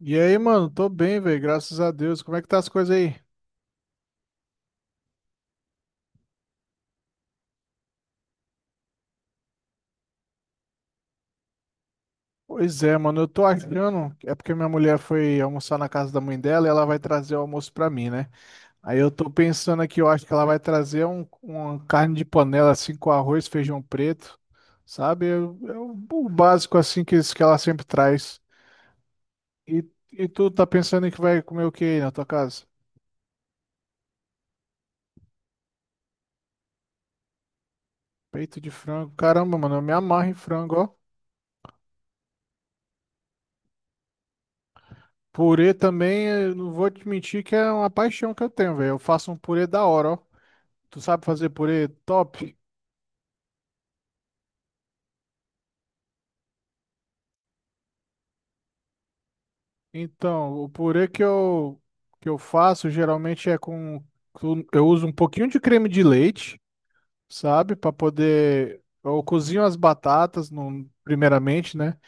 E aí, mano, tô bem, velho, graças a Deus. Como é que tá as coisas aí? Pois é, mano, eu tô achando. É porque minha mulher foi almoçar na casa da mãe dela e ela vai trazer o almoço pra mim, né? Aí eu tô pensando aqui, eu acho que ela vai trazer uma carne de panela, assim, com arroz, feijão preto, sabe? É, o básico, assim, que ela sempre traz. E, e tu tá pensando em que vai comer o que aí na tua casa? Peito de frango. Caramba, mano, eu me amarro em frango, ó. Purê também, eu não vou te mentir que é uma paixão que eu tenho, velho. Eu faço um purê da hora, ó. Tu sabe fazer purê top? Então, o purê que eu faço geralmente é com. Eu uso um pouquinho de creme de leite, sabe? Para poder. Eu cozinho as batatas, primeiramente, né?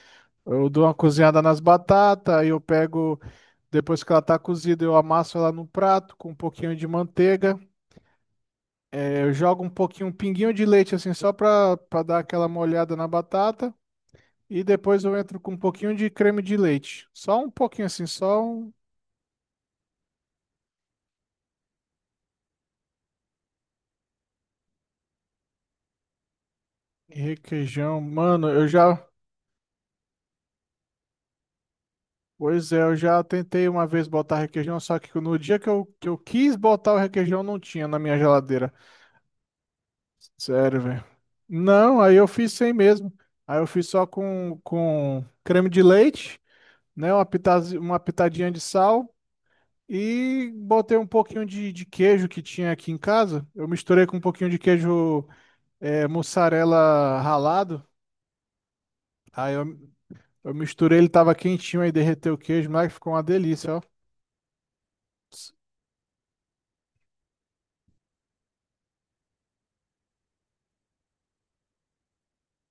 Eu dou uma cozinhada nas batatas, aí eu pego. Depois que ela tá cozida, eu amasso ela no prato com um pouquinho de manteiga. Eu jogo um pouquinho, um pinguinho de leite assim, só pra dar aquela molhada na batata. E depois eu entro com um pouquinho de creme de leite. Só um pouquinho assim, só um requeijão. Mano, eu já. Pois é, eu já tentei uma vez botar requeijão, só que no dia que eu quis botar o requeijão, não tinha na minha geladeira. Sério, velho. Não, aí eu fiz sem mesmo. Aí eu fiz só com creme de leite, né? Uma pitadinha de sal. E botei um pouquinho de queijo que tinha aqui em casa. Eu misturei com um pouquinho de queijo é, mussarela ralado. Aí eu misturei, ele tava quentinho, aí derreteu o queijo, mas ficou uma delícia, ó. S-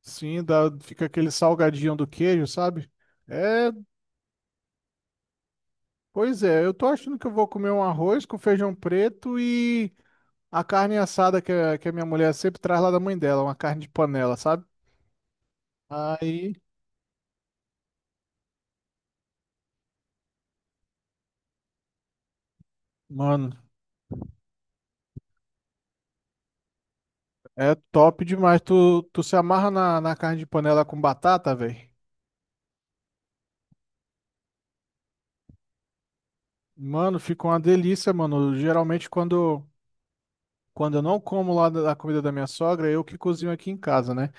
Sim, dá, fica aquele salgadinho do queijo, sabe? É, pois é, eu tô achando que eu vou comer um arroz com feijão preto e a carne assada que a minha mulher sempre traz lá da mãe dela, uma carne de panela, sabe? Aí, mano. É top demais. Tu se amarra na carne de panela com batata, velho? Mano, fica uma delícia, mano. Geralmente, quando eu não como lá da comida da minha sogra, eu que cozinho aqui em casa, né?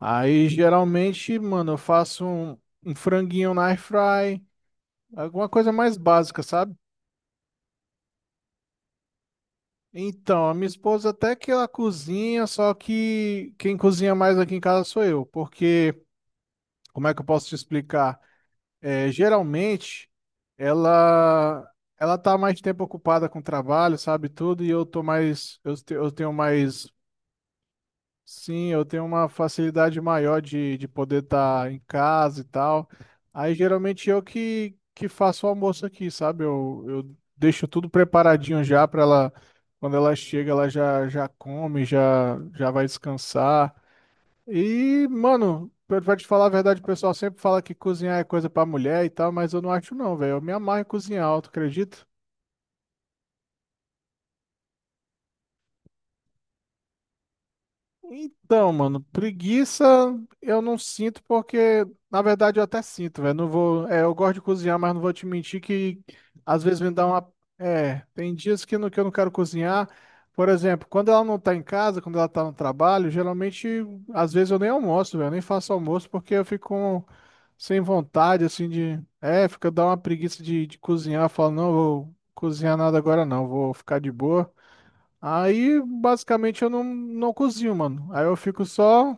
Aí, geralmente, mano, um franguinho na air fry, alguma coisa mais básica, sabe? Então, a minha esposa até que ela cozinha, só que quem cozinha mais aqui em casa sou eu, porque, como é que eu posso te explicar? É, geralmente ela ela tá mais tempo ocupada com trabalho, sabe tudo, e eu tô mais eu tenho mais sim, eu tenho uma facilidade maior de poder estar em casa e tal. Aí geralmente eu que faço o almoço aqui, sabe? Eu deixo tudo preparadinho já para ela quando ela chega, ela já já come, já já vai descansar. E, mano, pra te falar a verdade, o pessoal sempre fala que cozinhar é coisa pra mulher e tal, mas eu não acho não, velho. Eu me amarro em cozinhar, tu acredita? Então, mano, preguiça eu não sinto porque, na verdade, eu até sinto, velho. Não vou, é, eu gosto de cozinhar, mas não vou te mentir que às vezes me dá uma, é, tem dias que, não, que eu não quero cozinhar. Por exemplo, quando ela não tá em casa, quando ela tá no trabalho, geralmente, às vezes eu nem almoço, velho, eu nem faço almoço porque eu fico sem vontade, assim, de, é, fica dá uma preguiça de cozinhar. Eu falo, não, vou cozinhar nada agora não, vou ficar de boa. Aí, basicamente, eu não cozinho, mano. Aí eu fico só.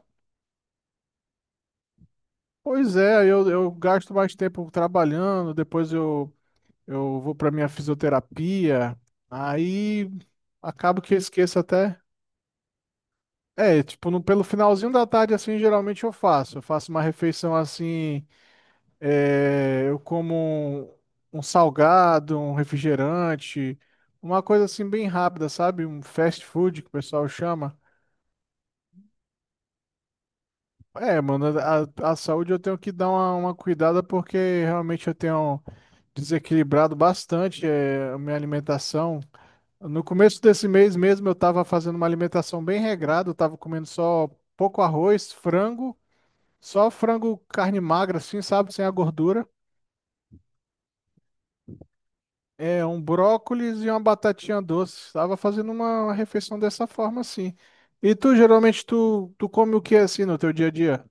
Pois é, aí eu gasto mais tempo trabalhando, eu vou pra minha fisioterapia. Aí acabo que eu esqueço até. É, tipo, no, pelo finalzinho da tarde, assim, geralmente eu faço. Eu faço uma refeição assim. É, eu como um salgado, um refrigerante, uma coisa assim bem rápida, sabe? Um fast food que o pessoal chama. É, mano, a saúde eu tenho que dar uma cuidada porque realmente eu tenho desequilibrado bastante a minha alimentação. No começo desse mês mesmo eu estava fazendo uma alimentação bem regrada, eu estava comendo só pouco arroz, frango, só frango carne magra assim, sabe, sem a gordura, é, um brócolis e uma batatinha doce. Estava fazendo uma refeição dessa forma assim. E tu, geralmente, tu come o que assim no teu dia a dia?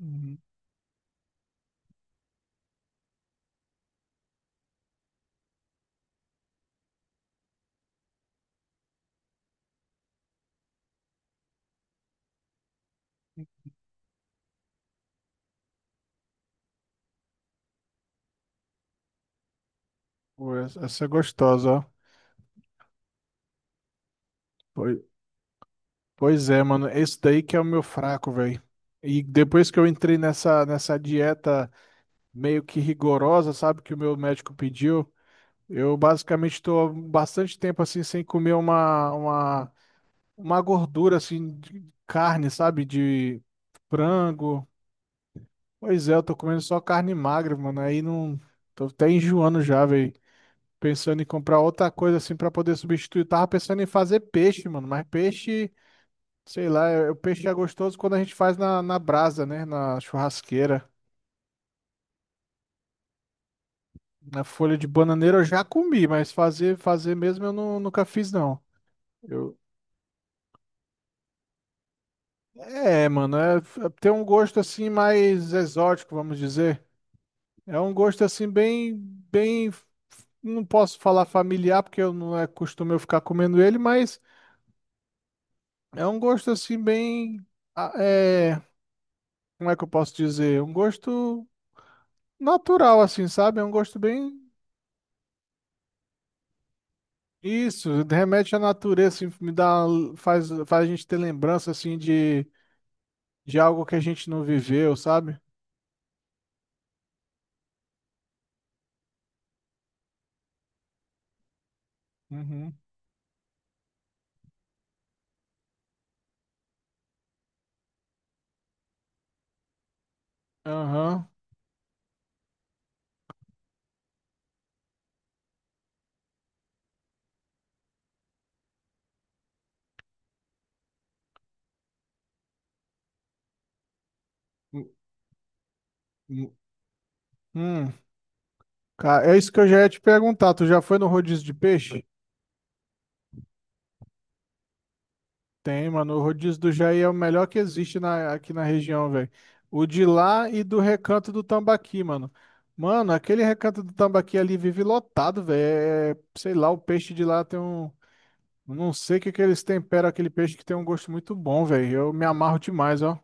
Uhum. Pô, essa é gostosa, ó. Pois é, mano, esse daí que é o meu fraco, velho. E depois que eu entrei nessa dieta meio que rigorosa, sabe, que o meu médico pediu, eu basicamente estou bastante tempo assim sem comer uma gordura assim de carne, sabe, de frango. Pois é, eu tô comendo só carne magra, mano. Aí não tô até enjoando já, velho. Pensando em comprar outra coisa assim pra poder substituir. Tava pensando em fazer peixe, mano, mas peixe sei lá, o peixe é gostoso quando a gente faz na brasa, né? Na churrasqueira. Na folha de bananeira eu já comi, mas fazer, fazer mesmo eu nunca fiz, não. Eu... É, mano, tem um gosto assim mais exótico, vamos dizer. É um gosto assim bem, não posso falar familiar porque eu não é costume eu ficar comendo ele, mas é um gosto assim ah, é, como é que eu posso dizer? Um gosto natural assim, sabe? É um gosto bem isso, remete à natureza, assim, me dá, faz a gente ter lembrança assim de algo que a gente não viveu, sabe? Uhum. Aham. Hum, hum. Cara, é isso que eu já ia te perguntar. Tu já foi no rodízio de peixe? Tem, mano. O rodízio do Jair é o melhor que existe na, aqui na região, velho. O de lá e do Recanto do Tambaqui, mano. Mano, aquele Recanto do Tambaqui ali vive lotado, velho. Sei lá, o peixe de lá tem um não sei o que que eles temperam aquele peixe que tem um gosto muito bom, velho. Eu me amarro demais, ó.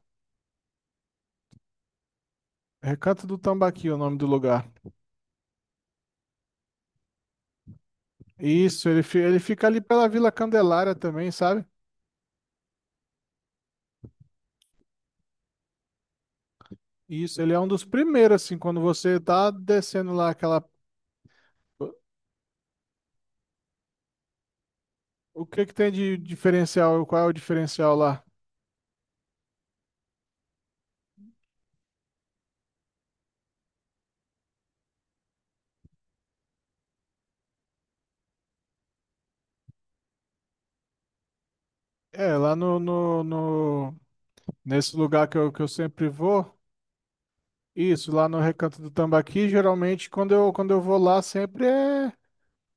É Recanto do Tambaqui, é o nome do lugar. Isso, ele, ele fica ali pela Vila Candelária também, sabe? Isso, ele é um dos primeiros, assim, quando você tá descendo lá aquela. O que que tem de diferencial? Qual é o diferencial lá? É, lá no, no, no- nesse lugar que eu sempre vou, isso, lá no Recanto do Tambaqui, geralmente quando eu vou lá, sempre é.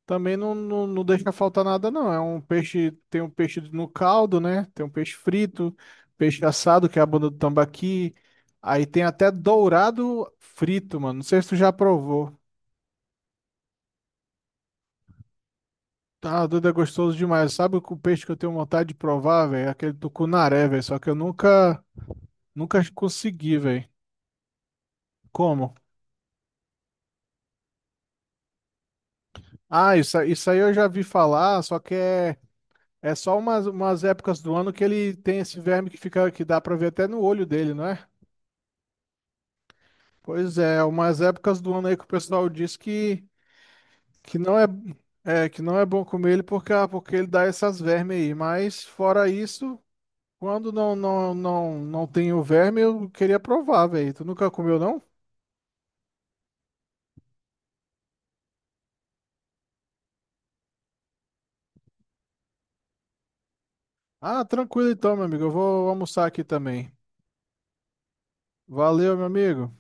Também não deixa faltar nada, não. É um peixe, tem um peixe no caldo, né? Tem um peixe frito, peixe assado, que é a bunda do tambaqui. Aí tem até dourado frito, mano. Não sei se tu já provou. Tá, doido, é gostoso demais. Sabe o peixe que eu tenho vontade de provar, velho? É aquele tucunaré, velho. Só que eu nunca, nunca consegui, velho. Como? Ah, isso, isso aí eu já vi falar, só que é, é só umas, umas épocas do ano que ele tem esse verme que fica, que dá pra ver até no olho dele, não é? Pois é, umas épocas do ano aí que o pessoal diz que não é, é, que não é bom comer ele porque, ah, porque ele dá essas vermes aí. Mas fora isso, quando não tem o verme, eu queria provar, velho. Tu nunca comeu, não? Ah, tranquilo então, meu amigo. Eu vou almoçar aqui também. Valeu, meu amigo.